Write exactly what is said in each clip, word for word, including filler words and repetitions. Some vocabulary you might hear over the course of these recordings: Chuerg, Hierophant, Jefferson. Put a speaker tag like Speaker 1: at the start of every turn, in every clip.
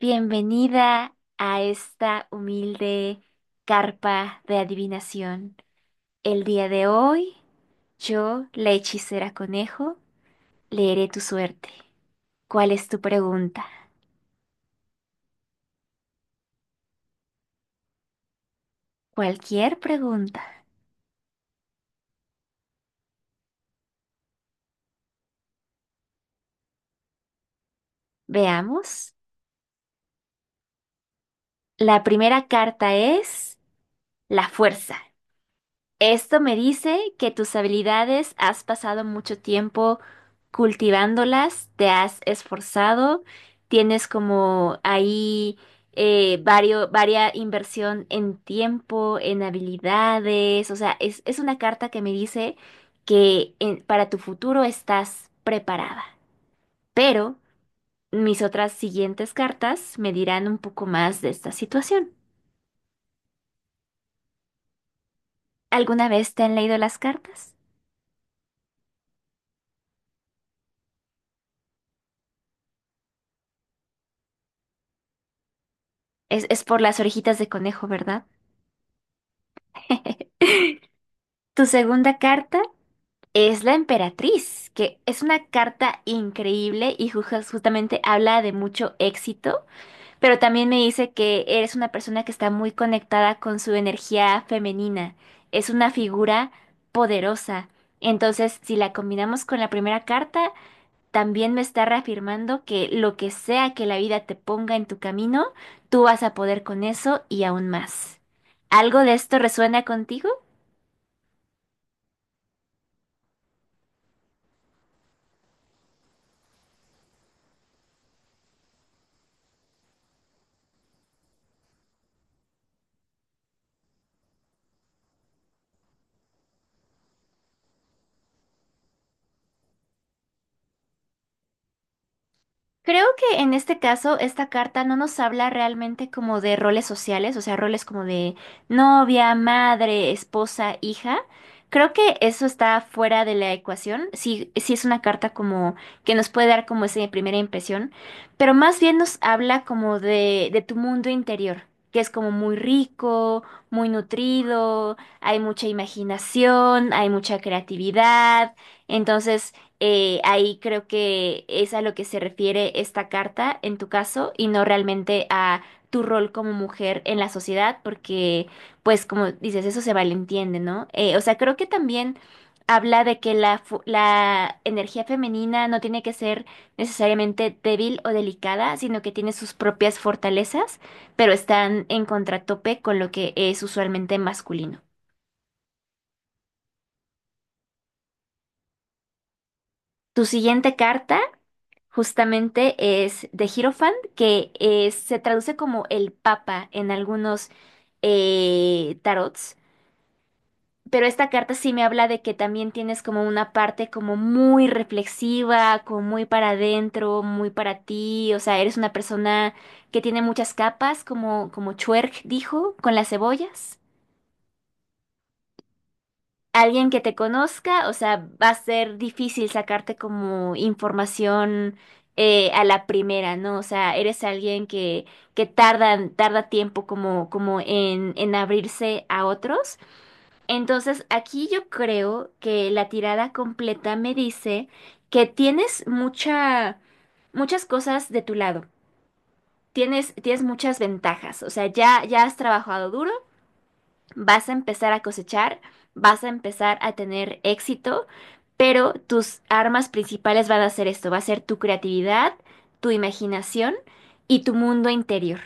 Speaker 1: Bienvenida a esta humilde carpa de adivinación. El día de hoy, yo, la hechicera conejo, leeré tu suerte. ¿Cuál es tu pregunta? Cualquier pregunta. Veamos. La primera carta es la fuerza. Esto me dice que tus habilidades has pasado mucho tiempo cultivándolas, te has esforzado, tienes como ahí eh, vario- varia inversión en tiempo, en habilidades, o sea, es, es una carta que me dice que en- para tu futuro estás preparada. Pero mis otras siguientes cartas me dirán un poco más de esta situación. ¿Alguna vez te han leído las cartas? Es, es por las orejitas de conejo, ¿verdad? Tu segunda carta es la emperatriz, que es una carta increíble y ju- justamente habla de mucho éxito, pero también me dice que eres una persona que está muy conectada con su energía femenina. Es una figura poderosa. Entonces, si la combinamos con la primera carta, también me está reafirmando que lo que sea que la vida te ponga en tu camino, tú vas a poder con eso y aún más. ¿Algo de esto resuena contigo? Creo que en este caso esta carta no nos habla realmente como de roles sociales, o sea, roles como de novia, madre, esposa, hija. Creo que eso está fuera de la ecuación. Sí, sí es una carta como que nos puede dar como esa primera impresión, pero más bien nos habla como de, de tu mundo interior, que es como muy rico, muy nutrido, hay mucha imaginación, hay mucha creatividad. Entonces eh, ahí creo que es a lo que se refiere esta carta en tu caso y no realmente a tu rol como mujer en la sociedad, porque pues como dices, eso se malentiende, ¿no? Eh, o sea, creo que también habla de que la, fu- la energía femenina no tiene que ser necesariamente débil o delicada, sino que tiene sus propias fortalezas, pero están en contratope con lo que es usualmente masculino. Tu siguiente carta justamente es de Hierophant, que es- se traduce como el Papa en algunos eh, tarots. Pero esta carta sí me habla de que también tienes como una parte como muy reflexiva, como muy para adentro, muy para ti. O sea, eres una persona que tiene muchas capas, como, como Chuerg dijo, con las cebollas. Alguien que te conozca, o sea, va a ser difícil sacarte como información eh, a la primera, ¿no? O sea, eres alguien que, que tarda, tarda tiempo como, como en, en abrirse a otros. Entonces, aquí yo creo que la tirada completa me dice que tienes mucha, muchas cosas de tu lado. Tienes, tienes muchas ventajas, o sea, ya, ya has trabajado duro, vas a empezar a cosechar, vas a empezar a tener éxito, pero tus armas principales van a ser esto, va a ser tu creatividad, tu imaginación y tu mundo interior.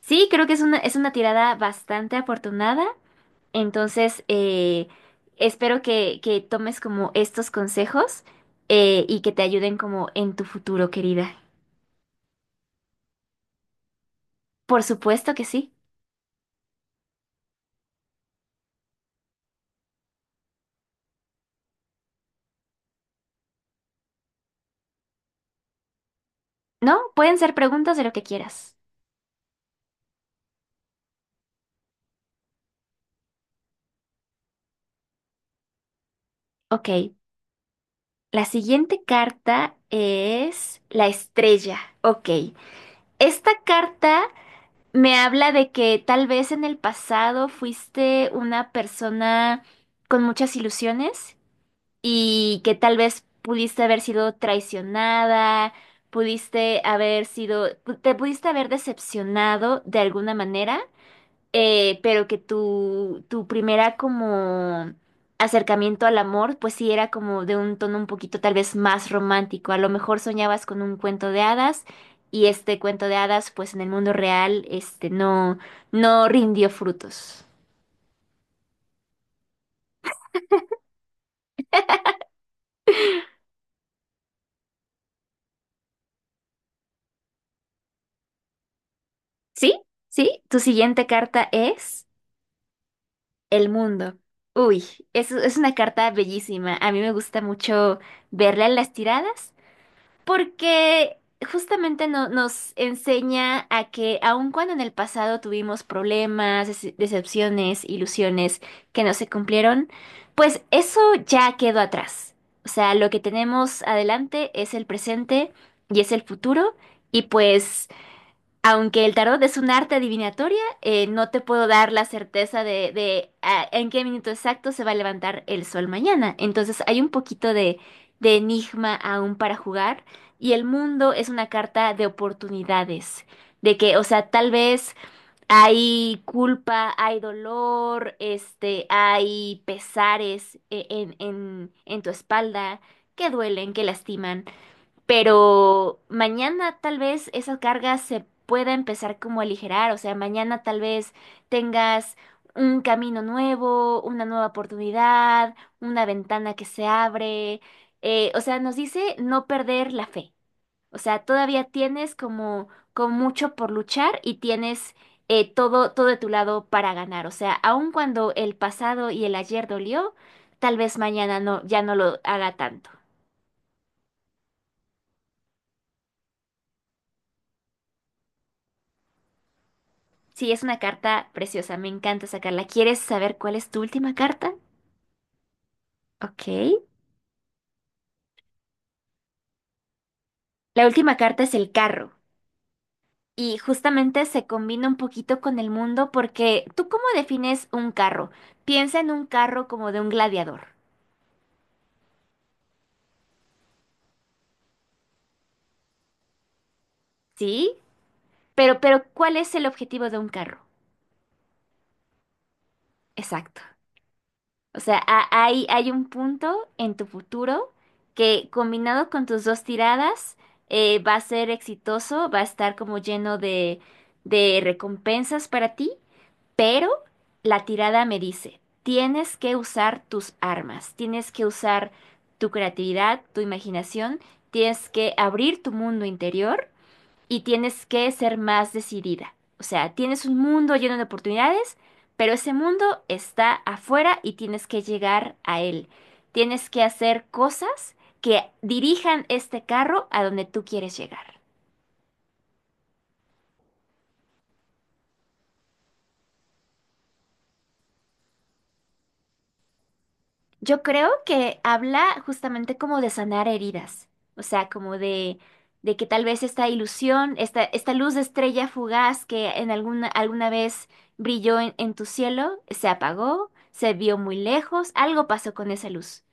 Speaker 1: Sí, creo que es una, es una tirada bastante afortunada, entonces eh, espero que, que tomes como estos consejos, eh, y que te ayuden como en tu futuro, querida. Por supuesto que sí. No, pueden ser preguntas de lo que quieras. Ok. La siguiente carta es la estrella. Ok. Esta carta me habla de que tal vez en el pasado fuiste una persona con muchas ilusiones y que tal vez pudiste haber sido traicionada, pudiste haber sido, te pudiste haber decepcionado de alguna manera, eh, pero que tu, tu primera como acercamiento al amor, pues sí era como de un tono un poquito tal vez más romántico. A lo mejor soñabas con un cuento de hadas y este cuento de hadas, pues en el mundo real, este no, no rindió frutos. ¿Sí? ¿Sí? Tu siguiente carta es el mundo. Uy, es, es una carta bellísima. A mí me gusta mucho verla en las tiradas. Porque justamente no- nos enseña a que aun cuando en el pasado tuvimos problemas, dece- decepciones, ilusiones que no se cumplieron, pues eso ya quedó atrás. O sea, lo que tenemos adelante es el presente y es el futuro, y pues aunque el tarot es un arte adivinatoria, eh, no te puedo dar la certeza de, de, ah, en qué minuto exacto se va a levantar el sol mañana. Entonces hay un poquito de, de enigma aún para jugar, y el mundo es una carta de oportunidades. De que, o sea, tal vez hay culpa, hay dolor, este, hay pesares, eh, en, en, en tu espalda que duelen, que lastiman. Pero mañana tal vez esa carga se pueda empezar como a aligerar, o sea, mañana tal vez tengas un camino nuevo, una nueva oportunidad, una ventana que se abre. Eh, o sea, nos dice no perder la fe. O sea, todavía tienes como, como mucho por luchar y tienes, eh, todo, todo de tu lado para ganar. O sea, aun cuando el pasado y el ayer dolió, tal vez mañana no, ya no lo hará tanto. Sí, es una carta preciosa, me encanta sacarla. ¿Quieres saber cuál es tu última carta? Ok. La última carta es el carro. Y justamente se combina un poquito con el mundo porque ¿tú cómo defines un carro? Piensa en un carro como de un gladiador, ¿sí? Pero, pero, ¿cuál es el objetivo de un carro? Exacto. O sea, ha- hay, hay un punto en tu futuro que combinado con tus dos tiradas, eh, va a ser exitoso, va a estar como lleno de, de recompensas para ti, pero la tirada me dice, tienes que usar tus armas, tienes que usar tu creatividad, tu imaginación, tienes que abrir tu mundo interior y tienes que ser más decidida. O sea, tienes un mundo lleno de oportunidades, pero ese mundo está afuera y tienes que llegar a él. Tienes que hacer cosas que dirijan este carro a donde tú quieres llegar. Yo creo que habla justamente como de sanar heridas, o sea, como de, de que tal vez esta ilusión, esta, esta luz de estrella fugaz que en alguna, alguna vez brilló en, en tu cielo, se apagó, se vio muy lejos, algo pasó con esa luz.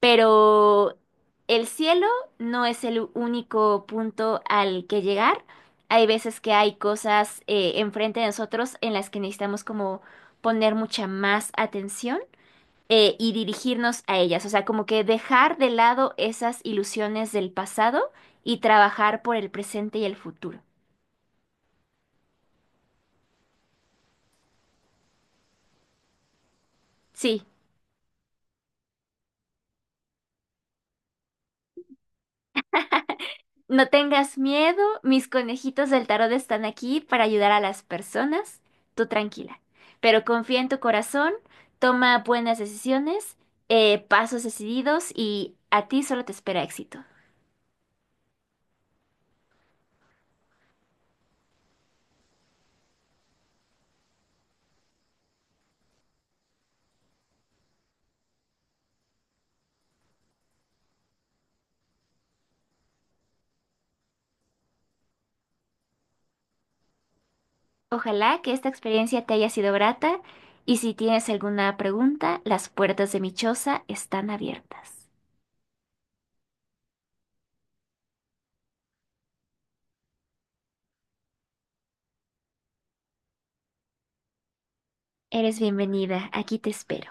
Speaker 1: Pero el cielo no es el único punto al que llegar. Hay veces que hay cosas, eh, enfrente de nosotros en las que necesitamos como poner mucha más atención, eh, y dirigirnos a ellas, o sea, como que dejar de lado esas ilusiones del pasado y trabajar por el presente y el futuro. Sí, no tengas miedo, mis conejitos del tarot están aquí para ayudar a las personas, tú tranquila, pero confía en tu corazón, toma buenas decisiones, eh, pasos decididos y a ti solo te espera éxito. Ojalá que esta experiencia te haya sido grata y si tienes alguna pregunta, las puertas de mi choza están abiertas. Eres bienvenida, aquí te espero.